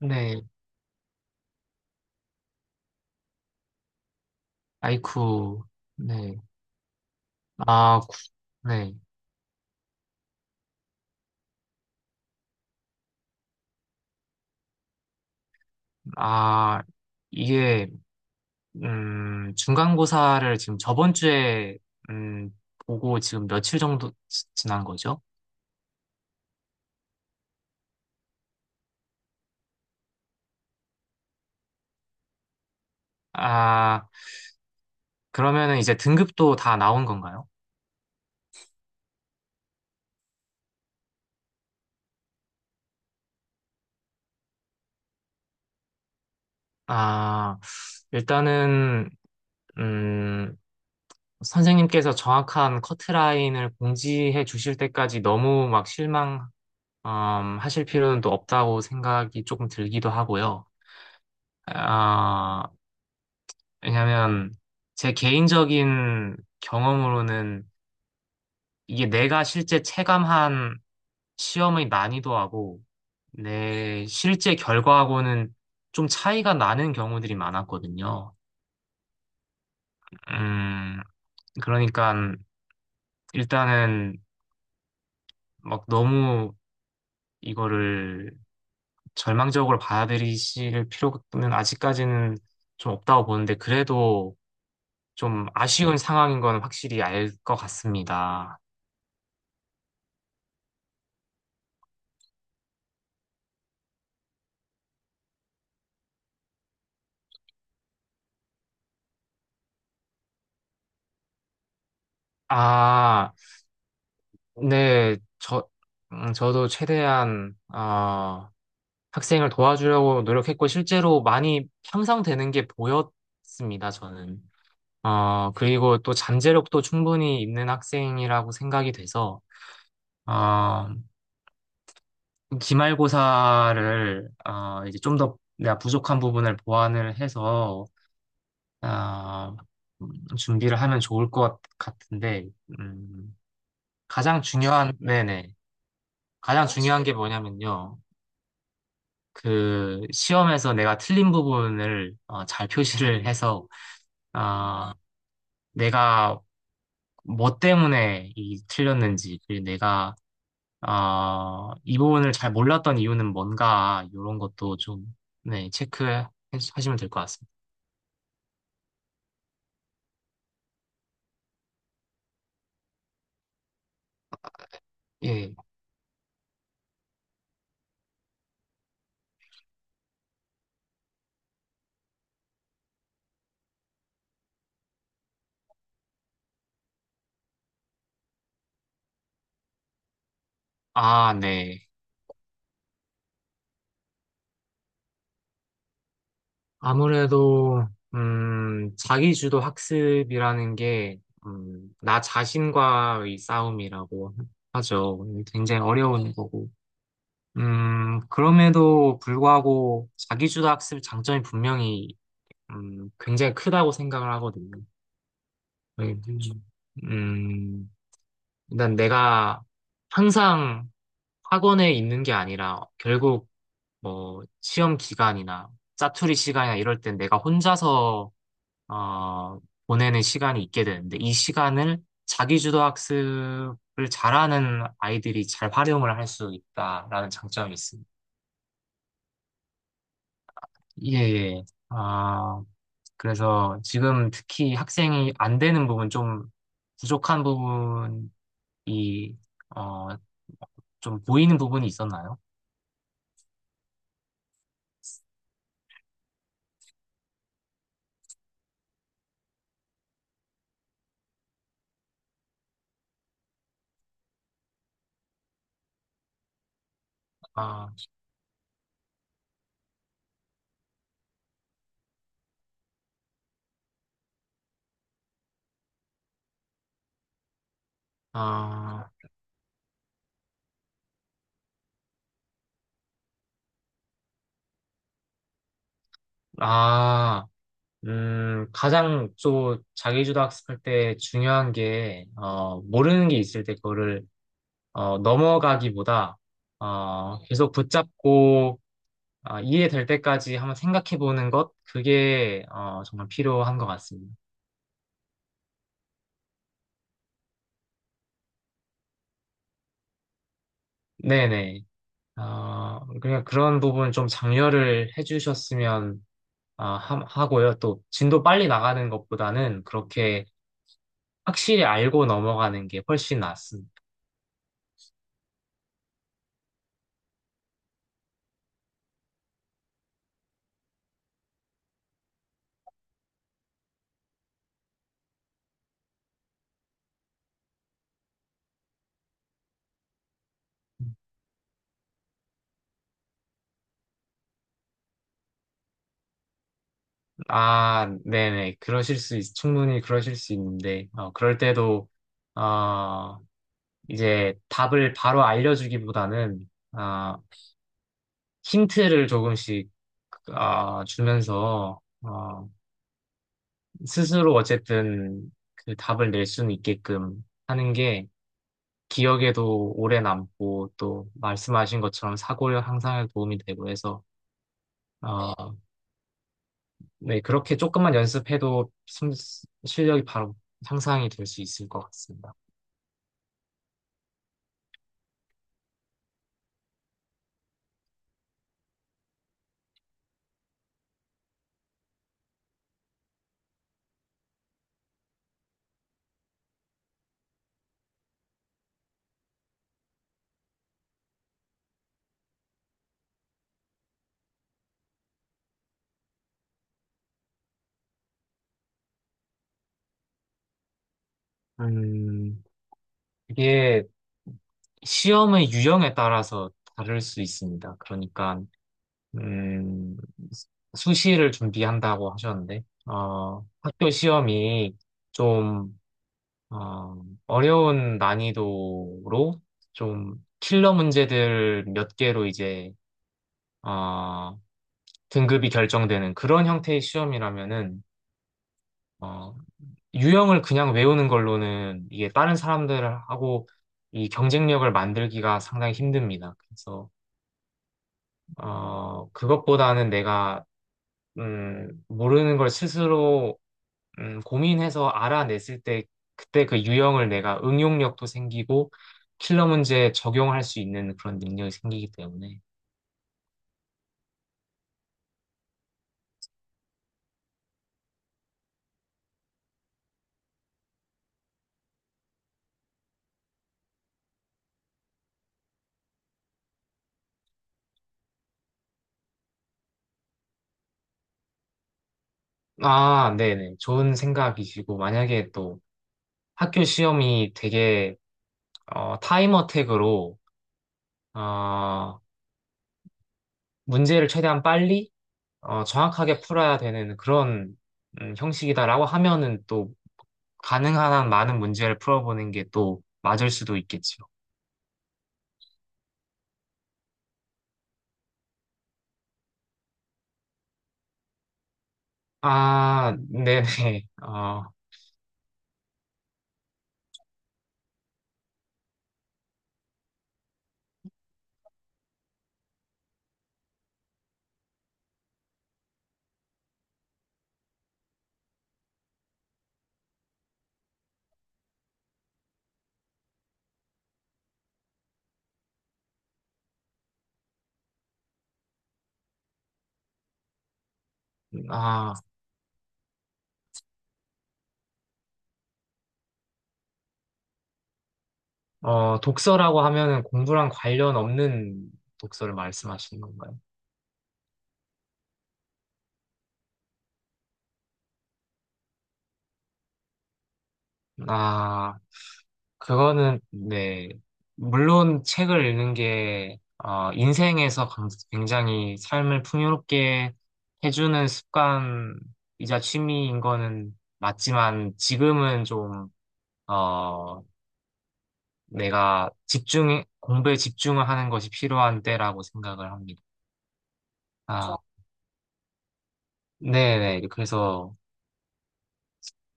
네, 아이쿠, 네, 아, 구- 네, 아, 이게, 중간고사를 지금 저번 주에, 음, 보고 지금 며칠 정도 지난 거죠? 아, 그러면은 이제 등급도 다 나온 건가요? 아, 일단은, 음, 선생님께서 정확한 커트라인을 공지해 주실 때까지 너무 막 실망, 하실 필요는 또 없다고 생각이 조금 들기도 하고요. 아, 왜냐면 제 개인적인 경험으로는 이게 내가 실제 체감한 시험의 난이도하고 내 실제 결과하고는 좀 차이가 나는 경우들이 많았거든요. 음, 그러니까 일단은 막 너무 이거를 절망적으로 받아들이실 필요는 아직까지는 좀 없다고 보는데 그래도 좀 아쉬운 상황인 건 확실히 알 것 같습니다. 아, 네, 저도 최대한, 학생을 도와주려고 노력했고, 실제로 많이 향상되는 게 보였습니다, 저는. 그리고 또 잠재력도 충분히 있는 학생이라고 생각이 돼서, 어, 기말고사를, 이제 좀 더 내가 부족한 부분을 보완을 해서, 어, 준비를 하면 좋을 것 같은데, 음, 가장 중요한, 네네. 가장 중요한 게 뭐냐면요. 그 시험에서 내가 틀린 부분을 잘 표시를 해서 아 내가 뭐 때문에 이 틀렸는지, 그리고 내가 아 이 부분을 잘 몰랐던 이유는 뭔가 이런 것도 좀, 네, 체크하시면 될 것 같습니다. 예. 아, 네. 아무래도 자기주도 학습이라는 게 나 자신과의 싸움이라고 하죠. 굉장히 어려운 거고 그럼에도 불구하고 자기주도 학습 장점이 분명히 굉장히 크다고 생각을 하거든요. 네, 음, 일단 내가 항상 학원에 있는 게 아니라 결국 뭐 시험 기간이나 짜투리 시간이나 이럴 땐 내가 혼자서 어, 보내는 시간이 있게 되는데, 이 시간을 자기주도 학습을 잘하는 아이들이 잘 활용을 할 수 있다라는 장점이 있습니다. 예, 예. 아, 그래서 지금 특히 학생이 안 되는 부분 좀, 부족한 부분이 어, 좀 보이는 부분이 있었나요? 아, 아, 아, 가장 또 자기주도 학습할 때 중요한 게 모르는 게 있을 때 그거를 넘어가기보다 계속 붙잡고 이해될 때까지 한번 생각해 보는 것, 그게 정말 필요한 것 같습니다. 네네. 그냥 그런 부분 좀 장려를 해주셨으면 하고요. 또 진도 빨리 나가는 것보다는 그렇게 확실히 알고 넘어가는 게 훨씬 낫습니다. 아, 네네. 충분히 그러실 수 있는데, 그럴 때도, 어, 이제 답을 바로 알려주기보다는, 힌트를 조금씩, 주면서, 스스로 어쨌든 그 답을 낼 수는 있게끔 하는 게, 기억에도 오래 남고 또 말씀하신 것처럼 사고 력 향상에 도움이 되고 해서, 어, 네, 그렇게 조금만 연습해도 실력이 바로 향상이 될 수 있을 것 같습니다. 음, 이게 시험의 유형에 따라서 다를 수 있습니다. 그러니까 음, 수시를 준비한다고 하셨는데, 학교 시험이 좀, 어, 어려운 난이도로 좀 킬러 문제들 몇 개로 이제, 어, 등급이 결정되는 그런 형태의 시험이라면은, 어, 유형을 그냥 외우는 걸로는 이게 다른 사람들하고 이 경쟁력을 만들기가 상당히 힘듭니다. 그래서 그것보다는 내가 모르는 걸 스스로 고민해서 알아냈을 때, 그때 그 유형을 내가 응용력도 생기고 킬러 문제에 적용할 수 있는 그런 능력이 생기기 때문에. 아, 네네. 좋은 생각이시고, 만약에 또 학교 시험이 되게 타임 어택으로, 어, 문제를 최대한 빨리 정확하게 풀어야 되는 그런, 형식이다라고 하면은 또 가능한 한 많은 문제를 풀어보는 게 또 맞을 수도 있겠죠. 아, 네네. 아. 독서라고 하면은 공부랑 관련 없는 독서를 말씀하시는 건가요? 아, 그거는, 네. 물론 책을 읽는 게, 인생에서 굉장히 삶을 풍요롭게 해주는 습관이자 취미인 거는 맞지만, 지금은 좀, 어, 공부에 집중을 하는 것이 필요한 때라고 생각을 합니다. 아, 그렇죠. 네네. 그래서,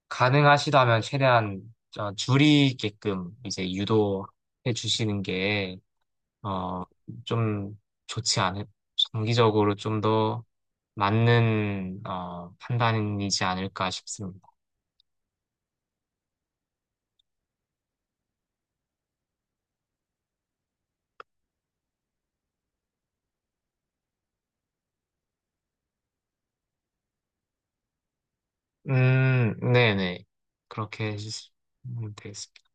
가능하시다면 최대한 줄이게끔 이제 유도해 주시는 게, 어, 좀 좋지 않을, 장기적으로 좀 더 맞는, 판단이지 않을까 싶습니다. 네네. 그렇게 해주시면 되겠습니다.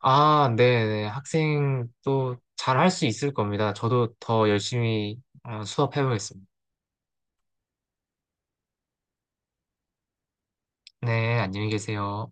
아, 네네. 학생 또 잘 할 수 있을 겁니다. 저도 더 열심히 수업해보겠습니다. 네, 안녕히 계세요.